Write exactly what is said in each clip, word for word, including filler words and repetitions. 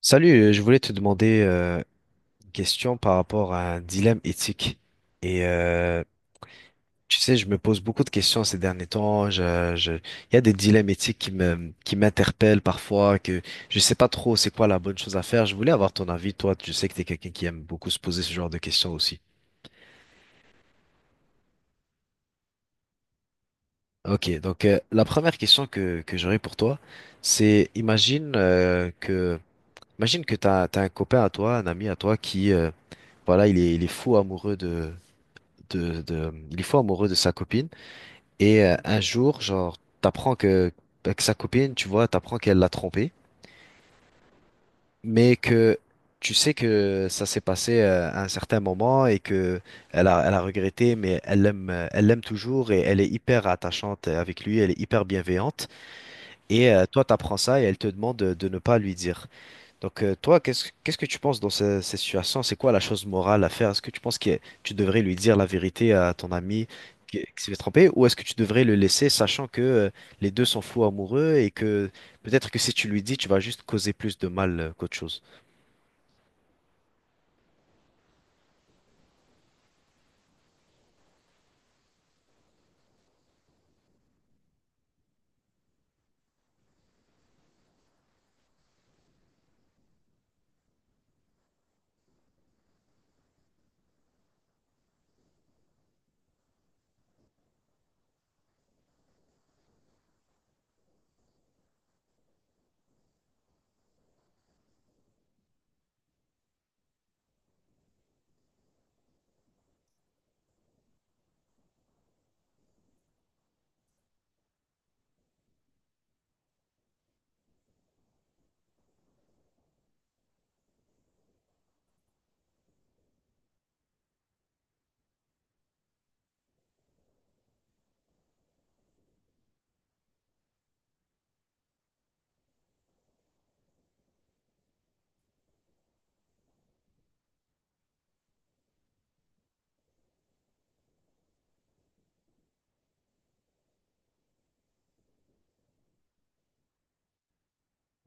Salut, euh, je voulais te demander euh, une question par rapport à un dilemme éthique. Et euh, tu sais, je me pose beaucoup de questions ces derniers temps. Je, je- Il y a des dilemmes éthiques qui me, qui m'interpellent parfois, que je sais pas trop c'est quoi la bonne chose à faire. Je voulais avoir ton avis. Toi, tu sais que t'es quelqu'un qui aime beaucoup se poser ce genre de questions aussi. Ok, donc euh, la première question que, que j'aurais pour toi, c'est imagine euh, que imagine que t'as, t'as un copain à toi, un ami à toi qui euh, voilà, il est, il est fou amoureux de de, de- il est fou amoureux de sa copine. Et euh, un jour, genre, t'apprends que, que sa copine, tu vois, t'apprends qu'elle l'a trompé, mais que tu sais que ça s'est passé euh, à un certain moment et que elle a, elle a regretté, mais elle l'aime, euh, elle l'aime toujours et elle est hyper attachante avec lui, elle est hyper bienveillante. Et euh, toi, t'apprends ça et elle te demande de, de ne pas lui dire. Donc euh, toi, qu'est-ce qu'est-ce que tu penses dans ce- cette situation? C'est quoi la chose morale à faire? Est-ce que tu penses que tu devrais lui dire la vérité à ton ami qui, qui s'est fait tromper, ou est-ce que tu devrais le laisser, sachant que euh, les deux sont fous amoureux et que peut-être que si tu lui dis, tu vas juste causer plus de mal euh, qu'autre chose.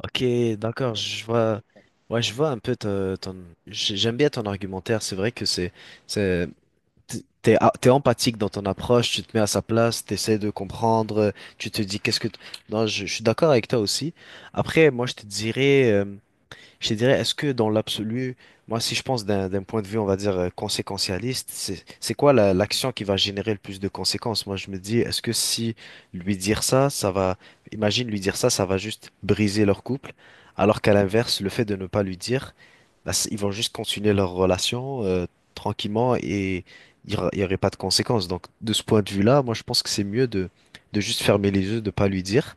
Ok, d'accord, je vois. Ouais, je vois un peu ton. ton- j'ai- j'aime bien ton argumentaire. C'est vrai que c'est, c'est- T'es, a- t'es empathique dans ton approche, tu te mets à sa place, t'essaies de comprendre, tu te dis qu'est-ce que... t- non, je, je suis d'accord avec toi aussi. Après, moi, je te dirais... euh, je te dirais, est-ce que dans l'absolu, moi, si je pense d'un d'un point de vue, on va dire, euh, conséquentialiste, c'est c'est quoi la- l'action qui va générer le plus de conséquences? Moi, je me dis, est-ce que si lui dire ça, ça va, imagine lui dire ça, ça va juste briser leur couple, alors qu'à l'inverse, le fait de ne pas lui dire, bah, c- ils vont juste continuer leur relation euh, tranquillement et il n'y aura il y aurait pas de conséquences. Donc, de ce point de vue-là, moi, je pense que c'est mieux de, de juste fermer les yeux, de pas lui dire.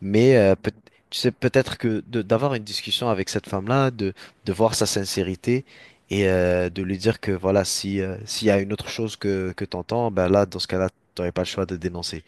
Mais euh, peut- tu sais, peut-être que de- d'avoir une discussion avec cette femme-là, de, de voir sa sincérité et euh, de lui dire que voilà, si, euh, s'il y a une autre chose que, que t'entends, ben là, dans ce cas-là, t'aurais pas le choix de dénoncer.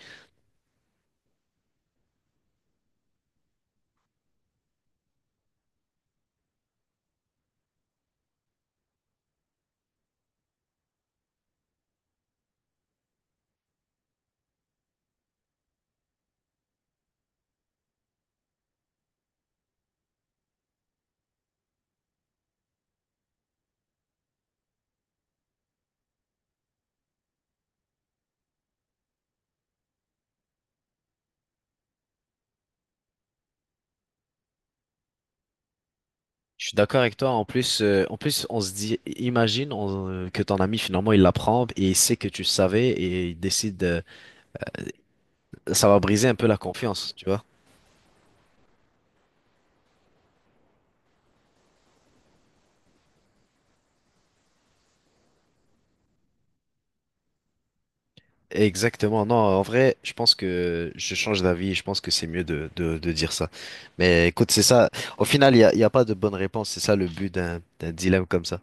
Je suis d'accord avec toi. En plus, euh, en plus, on se dit, imagine on- euh, que ton ami finalement il l'apprend et il sait que tu savais et il décide. euh, Ça va briser un peu la confiance, tu vois. Exactement, non, en vrai, je pense que je change d'avis, je pense que c'est mieux de, de, de dire ça. Mais écoute, c'est ça, au final, il n'y a, il y a pas de bonne réponse, c'est ça le but d'un d'un dilemme comme ça.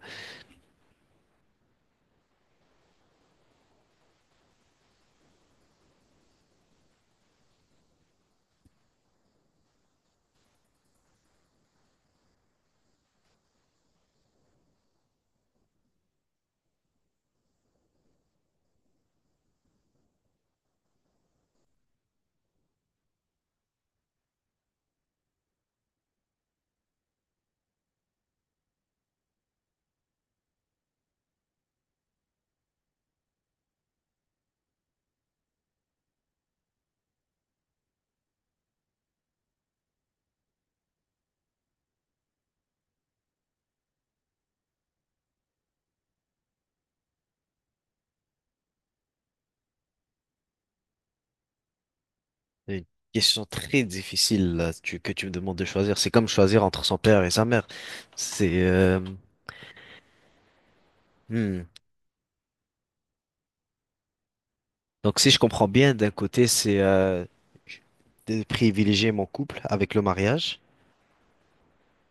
Une question très difficile là, tu- que tu me demandes de choisir, c'est comme choisir entre son père et sa mère. C'est... euh, hmm. Donc si je comprends bien, d'un côté, c'est euh, de privilégier mon couple avec le mariage,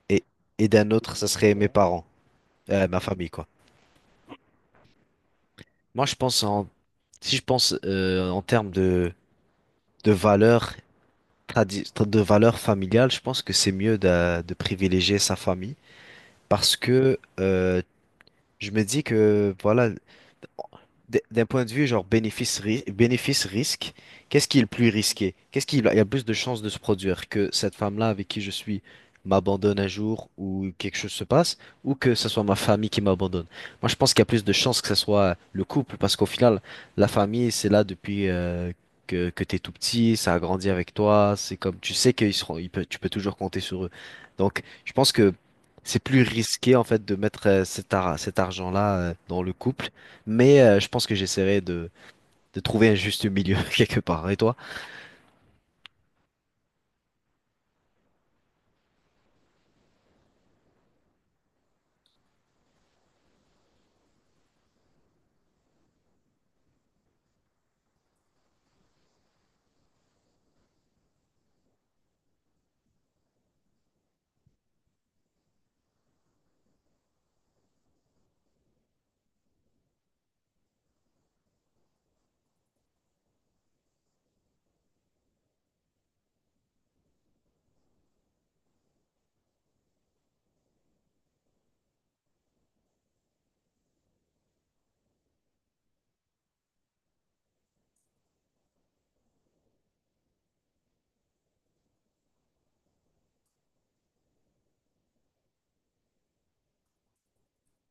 et, et d'un autre, ça serait mes parents, euh, ma famille, quoi. Moi, je pense en... Si je pense euh, en termes de de valeurs tradi- de valeurs familiales, je pense que c'est mieux de, de privilégier sa famille parce que euh, je me dis que, voilà, d- d'un point de vue genre bénéfice-risque, bénéfice-risque, qu'est-ce qui est le plus risqué? Qu'est-ce qui il y a plus de chances de se produire? Que cette femme-là avec qui je suis m'abandonne un jour ou quelque chose se passe, ou que ce soit ma famille qui m'abandonne. Moi, je pense qu'il y a plus de chances que ce soit le couple, parce qu'au final, la famille, c'est là depuis euh, que, que t'es tout petit, ça a grandi avec toi, c'est comme, tu sais qu'ils seront, ils peuvent- tu peux toujours compter sur eux. Donc, je pense que c'est plus risqué en fait de mettre euh, cet ar- cet argent-là euh, dans le couple, mais euh, je pense que j'essaierai de, de trouver un juste milieu quelque part. Et toi?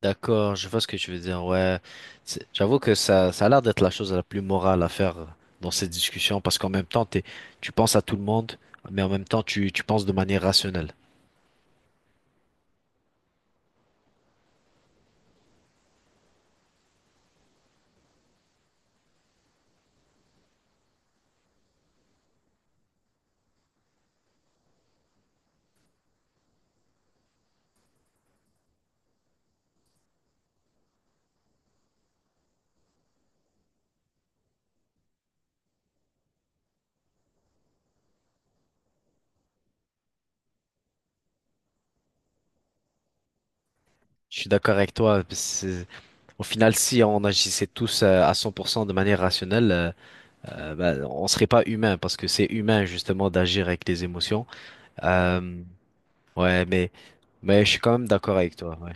D'accord, je vois ce que tu veux dire. Ouais, c'est- j'avoue que ça, ça a l'air d'être la chose la plus morale à faire euh, dans cette discussion parce qu'en même temps, t'es, tu penses à tout le monde, mais en même temps, tu, tu penses de manière rationnelle. Je suis d'accord avec toi. c'est- Au final, si on agissait tous euh, à cent pour cent de manière rationnelle, euh, euh, bah, on serait pas humain parce que c'est humain justement d'agir avec les émotions. Euh, ouais, mais, mais je suis quand même d'accord avec toi. Ouais.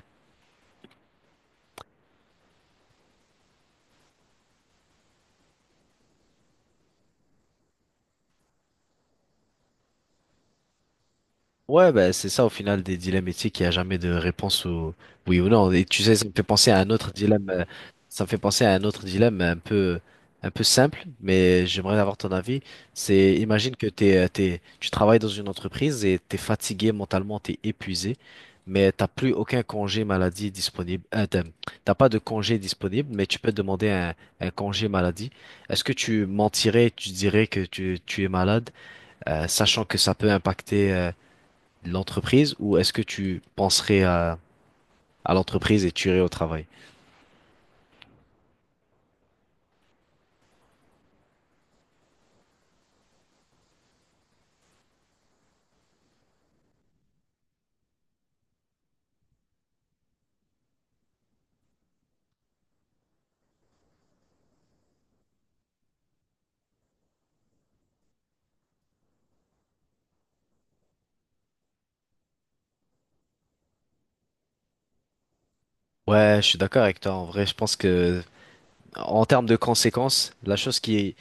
Ouais, bah, c'est ça au final des dilemmes éthiques, il n'y a jamais de réponse au oui ou non. Et tu sais, ça me fait penser à un autre dilemme, euh, ça me fait penser à un autre dilemme un peu, un peu simple, mais j'aimerais avoir ton avis. C'est, imagine que t'es, euh, t'es, tu travailles dans une entreprise et t'es fatigué mentalement, t'es épuisé, mais t'as plus aucun congé maladie disponible. Euh, t'as t'as pas de congé disponible, mais tu peux demander un, un congé maladie. Est-ce que tu mentirais, tu dirais que tu, tu es malade, euh, sachant que ça peut impacter, euh, l'entreprise ou est-ce que tu penserais à, à l'entreprise et tu irais au travail? Ouais, je suis d'accord avec toi. En vrai, je pense que en termes de conséquences, la chose qui est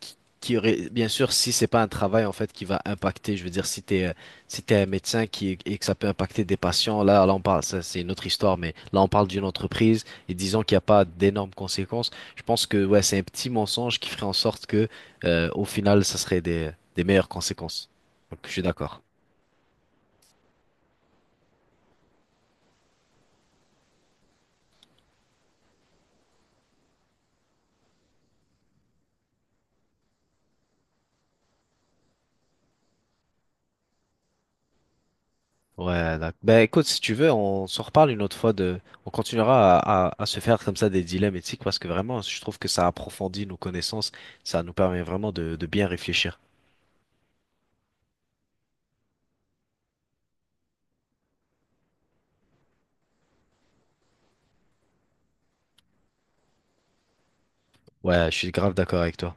qui, qui aurait bien sûr si c'est pas un travail en fait qui va impacter, je veux dire si t'es euh, si t'es un médecin qui et que ça peut impacter des patients, là là on parle ça c'est une autre histoire, mais là on parle d'une entreprise et disons qu'il n'y a pas d'énormes conséquences. Je pense que ouais c'est un petit mensonge qui ferait en sorte que euh, au final ça serait des des meilleures conséquences. Donc je suis d'accord. Ouais, d'accord. Ben écoute, si tu veux, on s'en reparle une autre fois de, on continuera à, à, à se faire comme ça des dilemmes éthiques parce que vraiment, je trouve que ça approfondit nos connaissances, ça nous permet vraiment de, de bien réfléchir. Ouais, je suis grave d'accord avec toi.